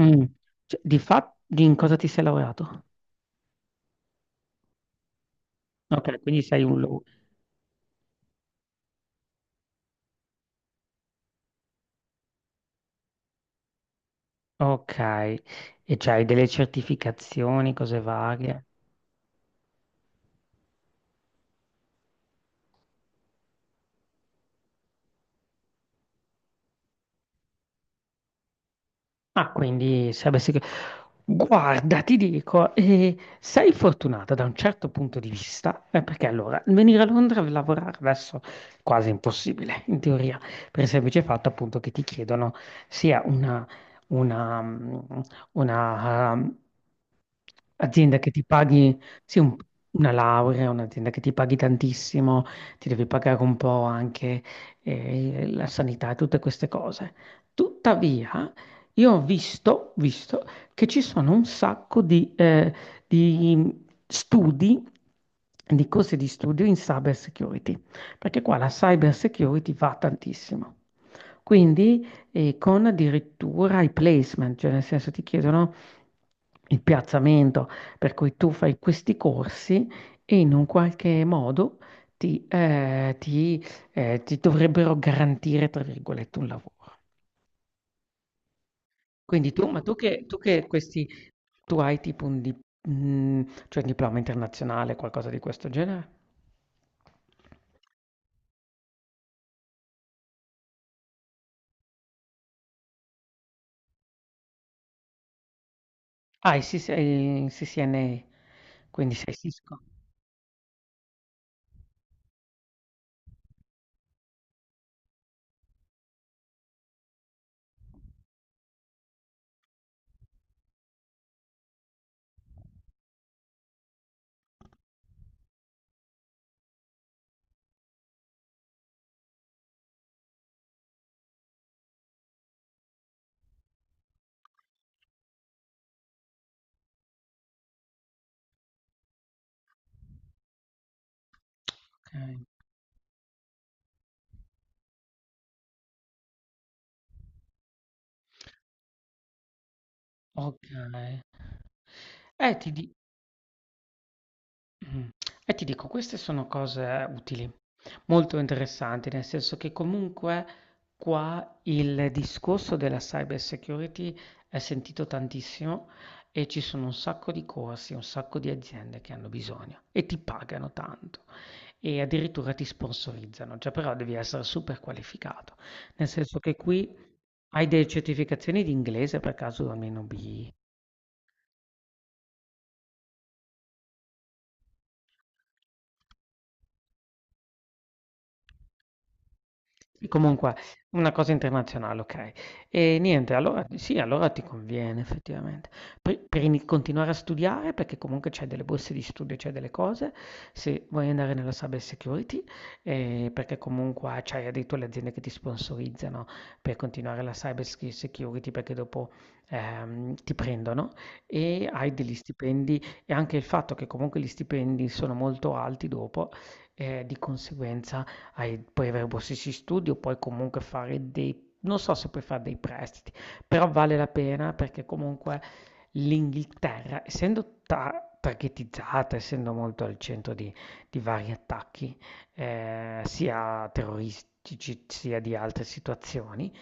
Mm. Cioè, di fatto, di in cosa ti sei laureato? Ok, quindi sei un... lo- Ok, e c'hai delle certificazioni, cose varie. Ah, quindi se avessi... che- Guarda, ti dico, sei fortunata da un certo punto di vista, perché allora venire a Londra a lavorare adesso è quasi impossibile, in teoria, per il semplice fatto appunto che ti chiedono sia una, una, mm, una, mm, azienda che ti paghi, sì, un- una laurea, un'azienda che ti paghi tantissimo, ti devi pagare un po' anche la sanità e tutte queste cose. Tuttavia, io ho visto che ci sono un sacco di studi, di corsi di studio in cyber security, perché qua la cyber security va tantissimo. Quindi, con addirittura i placement, cioè nel senso ti chiedono il piazzamento, per cui tu fai questi corsi e in un qualche modo ti, eh, ti, ti dovrebbero garantire, tra virgolette, un lavoro. Quindi tu ma tu che questi tu hai tipo un di mhmm, cioè un diploma internazionale, qualcosa di questo genere? Ah, il CCNA, quindi sei Cisco. Okay, okay. Eh, ti di mh, ti dico, queste sono cose utili, molto interessanti, nel senso che comunque qua il discorso della cyber security è sentito tantissimo e ci sono un sacco di corsi, un sacco di aziende che hanno bisogno e ti pagano tanto e addirittura ti sponsorizzano, già però devi essere super qualificato, nel senso che qui hai delle certificazioni di inglese per caso almeno B? Comunque, una cosa internazionale, okay. E niente, allora sì, allora ti conviene effettivamente. Poi per ini continuare a studiare, perché comunque c'hai delle borse di studio, c'hai delle cose, se vuoi andare nella cyber security, perché comunque c'hai addirittura le aziende che ti sponsorizzano per continuare la cyber schi security, perché dopo, ti prendono e hai degli stipendi e anche il fatto che comunque gli stipendi sono molto alti dopo, di conseguenza hai puoi avere borsisti di studio, puoi comunque fare dei, non so se puoi fare dei prestiti, però vale la pena perché comunque l'Inghilterra, essendo targetizzata, essendo molto al centro di vari attacchi, sia terroristici sia di altre situazioni,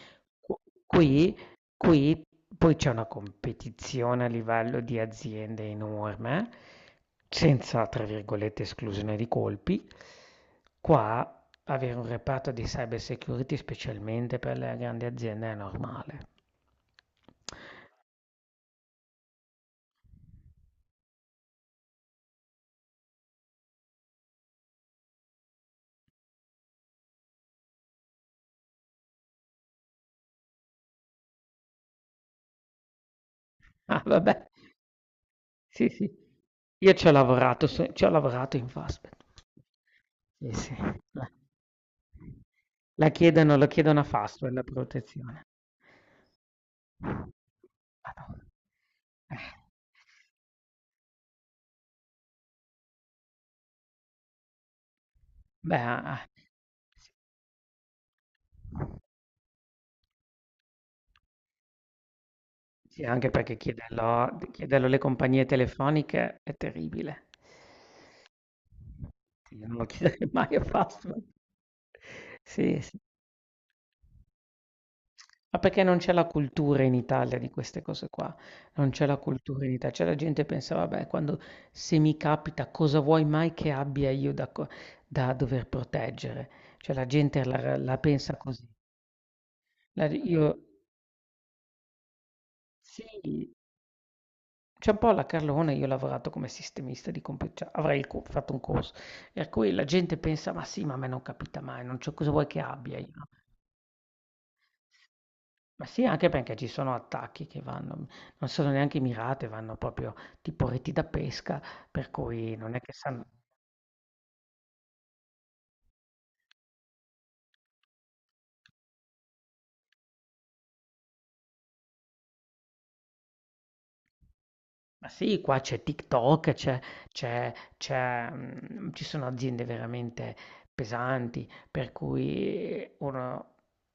qu- qui, qui poi c'è una competizione a livello di aziende enorme, senza, tra virgolette, esclusione di colpi. Qua avere un reparto di cyber security specialmente per le grandi aziende è normale. Ah, vabbè. Sì, sì. Io ci ho lavorato, se ci ho lavorato in Fastback. Sì, sì. La lo chiedono a Fastweb la protezione. Madonna. Eh. Beh, ah, sì, anche perché chiederlo alle compagnie telefoniche è terribile. Sì, io non lo chiederei mai a Fastweb. Sì, sì. Ma perché non c'è la cultura in Italia di queste cose qua, non c'è la cultura in Ita, cioè la gente che pensa: "Vabbè, quando se mi capita cosa vuoi mai che abbia io da co da dover proteggere?" Cioè la gente la pensa così. La io Sì, c'è un po' la Carlone, io ho lavorato come sistemista di compu cioè avrei il co fatto un corso, per cui la gente pensa: "Ma sì, ma a me non capita mai, non c'ho cosa vuoi che abbia io?" Ma sì, anche perché ci sono attacchi che vanno non sono neanche mirate, vanno proprio tipo reti da pesca, per cui non è che sanno. Ma sì, qua c'è TikTok, ci sono aziende veramente pesanti, per cui, uno-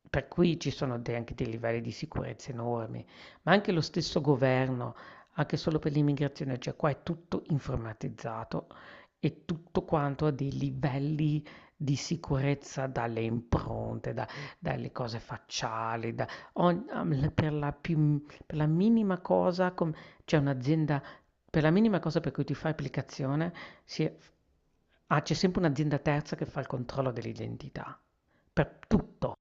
per cui ci sono de- anche dei livelli di sicurezza enormi, ma anche lo stesso governo, anche solo per l'immigrazione, cioè qua è tutto informatizzato e tutto quanto a dei livelli di sicurezza dalle impronte, da- dalle cose facciali, da ogni- per la più- per la minima cosa c'è un'azienda, per la minima cosa per cui ti fai applicazione, si è- ah, c'è sempre un'azienda terza che fa il controllo dell'identità, per tutto,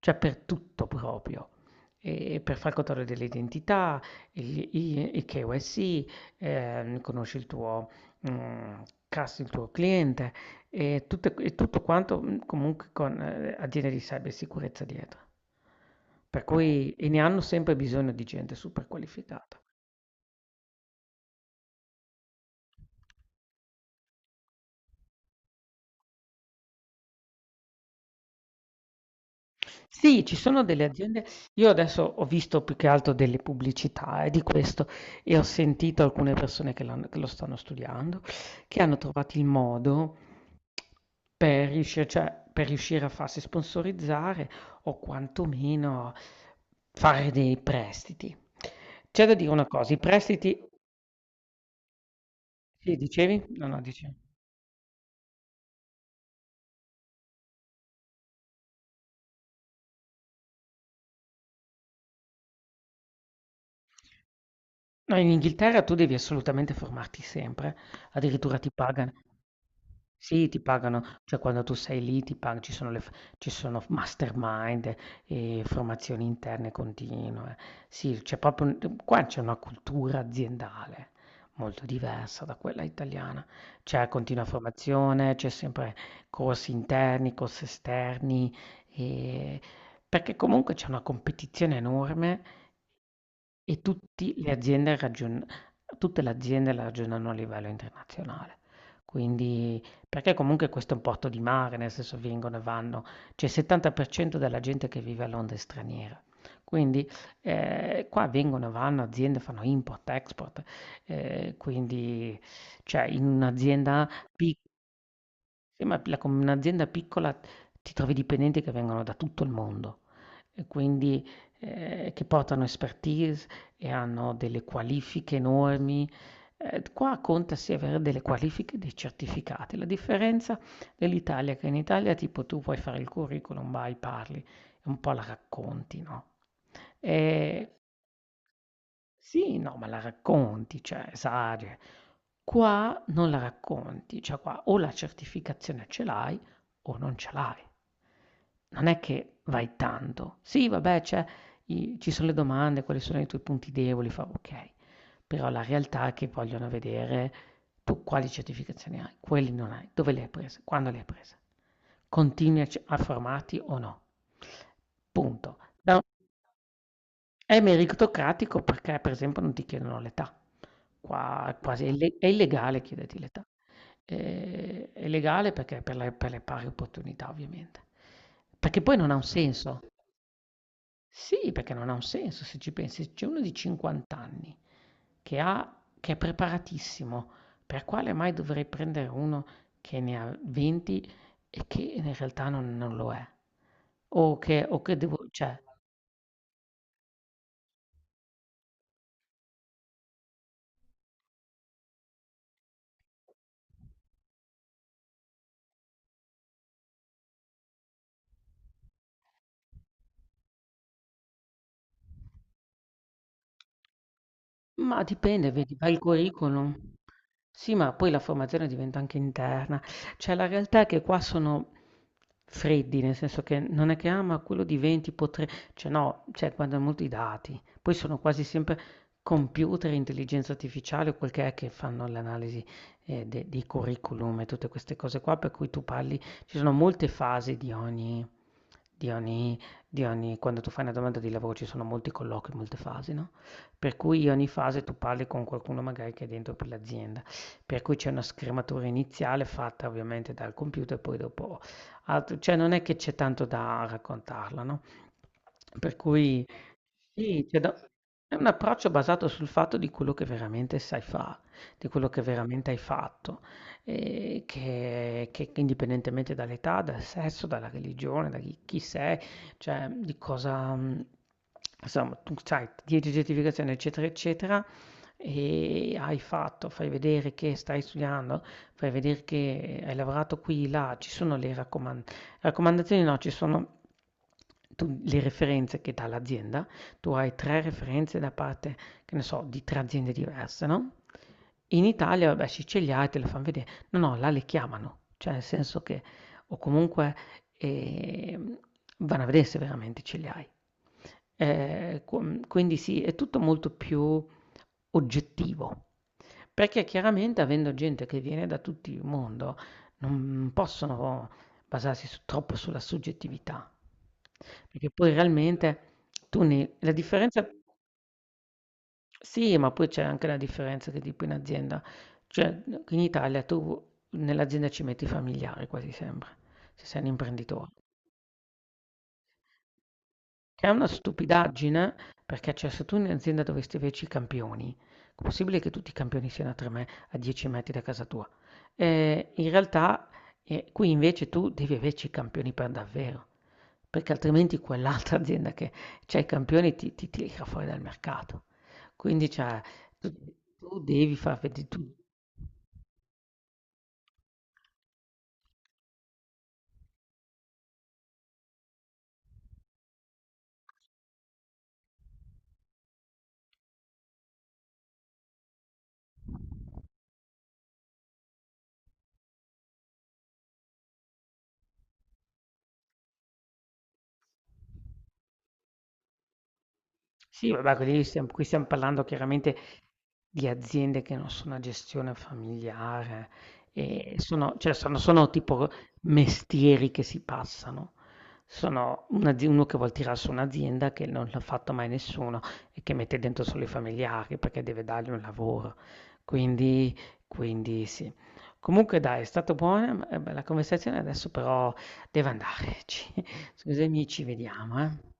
cioè per tutto proprio. E per fare il controllo dell'identità, il KYC, conosci il tuo, mm, il tuo cliente e, e tutto quanto, comunque con aziende di cybersicurezza dietro. Per cui e ne hanno sempre bisogno di gente super qualificata. Sì, ci sono delle aziende, io adesso ho visto più che altro delle pubblicità, di questo e ho sentito alcune persone che l'hanno- che lo stanno studiando, che hanno trovato il modo per riuscire, cioè, per riuscire a farsi sponsorizzare o quantomeno fare dei prestiti. C'è da dire una cosa, i prestiti... Sì, dicevi? No, no, dicevi. No, in Inghilterra tu devi assolutamente formarti sempre, addirittura ti pagano. Sì, ti pagano, cioè quando tu sei lì ti pagano, ci sono mastermind e formazioni interne continue. Sì, c'è proprio, un- qua c'è una cultura aziendale molto diversa da quella italiana. C'è continua formazione, c'è sempre corsi interni, corsi esterni, e- perché comunque c'è una competizione enorme e tutti le aziende ragion tutte le aziende la ragionano a livello internazionale. Quindi perché comunque questo è un porto di mare, nel senso vengono e vanno, c'è il 70% della gente che vive a Londra è straniera. Quindi, qua vengono e vanno aziende, fanno import, export, quindi cioè in un'azienda pic, sì, ma la con un'azienda piccola ti trovi dipendenti che vengono da tutto il mondo e quindi che portano expertise e hanno delle qualifiche enormi. Qua conta sì avere delle qualifiche, e dei certificati. La differenza dell'Italia è che in Italia tipo tu puoi fare il curriculum, vai, parli, e un po' la racconti, no? E sì, no, ma la racconti, cioè esageri. Qua non la racconti, cioè qua o la certificazione ce l'hai o non ce l'hai. Non è che vai tanto. Sì, vabbè, c'è i- ci sono le domande, quali sono i tuoi punti deboli, fa ok. Però la realtà è che vogliono vedere tu quali certificazioni hai, quelli non hai, dove le hai prese, quando le hai prese. Continui a, c- a formarti o no. Punto. È meritocratico perché, per esempio, non ti chiedono l'età. Qua è quasi ille è illegale chiederti l'età. È legale perché per le pari opportunità, ovviamente. Perché poi non ha un senso. Sì, perché non ha un senso se ci pensi. C'è uno di 50 anni che ha che è preparatissimo, per quale mai dovrei prendere uno che ne ha 20 e che in realtà non lo è? O che devo cioè. Ma dipende, vedi, fai il curriculum. Sì, ma poi la formazione diventa anche interna. Cioè, la realtà è che qua sono freddi, nel senso che non è che, ah, ma quello di 20 potrebbe... Cioè, no, cioè, guardano molto i dati. Poi sono quasi sempre computer, intelligenza artificiale o quel che è che fanno l'analisi de- dei curriculum e tutte queste cose qua, per cui tu parli... Ci sono molte fasi di ogni... Di ogni, di ogni, quando tu fai una domanda di lavoro ci sono molti colloqui, molte fasi, no? Per cui ogni fase tu parli con qualcuno magari che è dentro per l'azienda, per cui c'è una scrematura iniziale fatta ovviamente dal computer, poi dopo altro, cioè non è che c'è tanto da raccontarla, no? Per cui sì, c'è da- è un approccio basato sul fatto di quello che veramente sai fare, di quello che veramente hai fatto, e che indipendentemente dall'età, dal sesso, dalla religione, da chi, chi sei, cioè, di cosa mhmm, insomma, tu c'hai 10 certificazioni, eccetera, eccetera, e hai fatto, fai vedere che stai studiando, fai vedere che hai lavorato qui, là, ci sono le raccomandazioni, no, ci sono tu le referenze che dà l'azienda. Tu hai 3 referenze da parte, che ne so, di 3 aziende diverse, no, in Italia vabbè sì ce li hai, te le fan vedere. No, no, là le chiamano, cioè nel senso che o comunque, Ehm, vanno a vedere se veramente ce li hai. Com quindi sì, è tutto molto più oggettivo, perché chiaramente avendo gente che viene da tutti il mondo, non possono basarsi su troppo sulla soggettività. Perché poi realmente tu ne la differenza. Sì, ma poi c'è anche la differenza che tipo in azienda, cioè in Italia tu nell'azienda ci metti i familiari quasi sempre, se sei un imprenditore. Che è una stupidaggine, perché cioè se tu in azienda dovresti averci i campioni, è possibile che tutti i campioni siano a 10 metri da casa tua? In realtà qui invece tu devi averci i campioni per davvero, perché altrimenti quell'altra azienda che ha i campioni, ti tira fuori dal mercato. Quindi cioè, tu, tu devi far vedere, tu. Sì, vabbè, quelli stiam qui stiam parlando chiaramente di aziende che non sono a gestione familiare e sono, cioè, sono tipo mestieri che si passano. Sono un'azi uno che vuol tirar su un'azienda che non l'ha fatto mai nessuno e che mette dentro solo i familiari perché deve dargli un lavoro. Quindi quindi sì. Comunque dai, è stata buona, la conversazione, adesso però devo andarci. Scusami, ci vediamo, eh.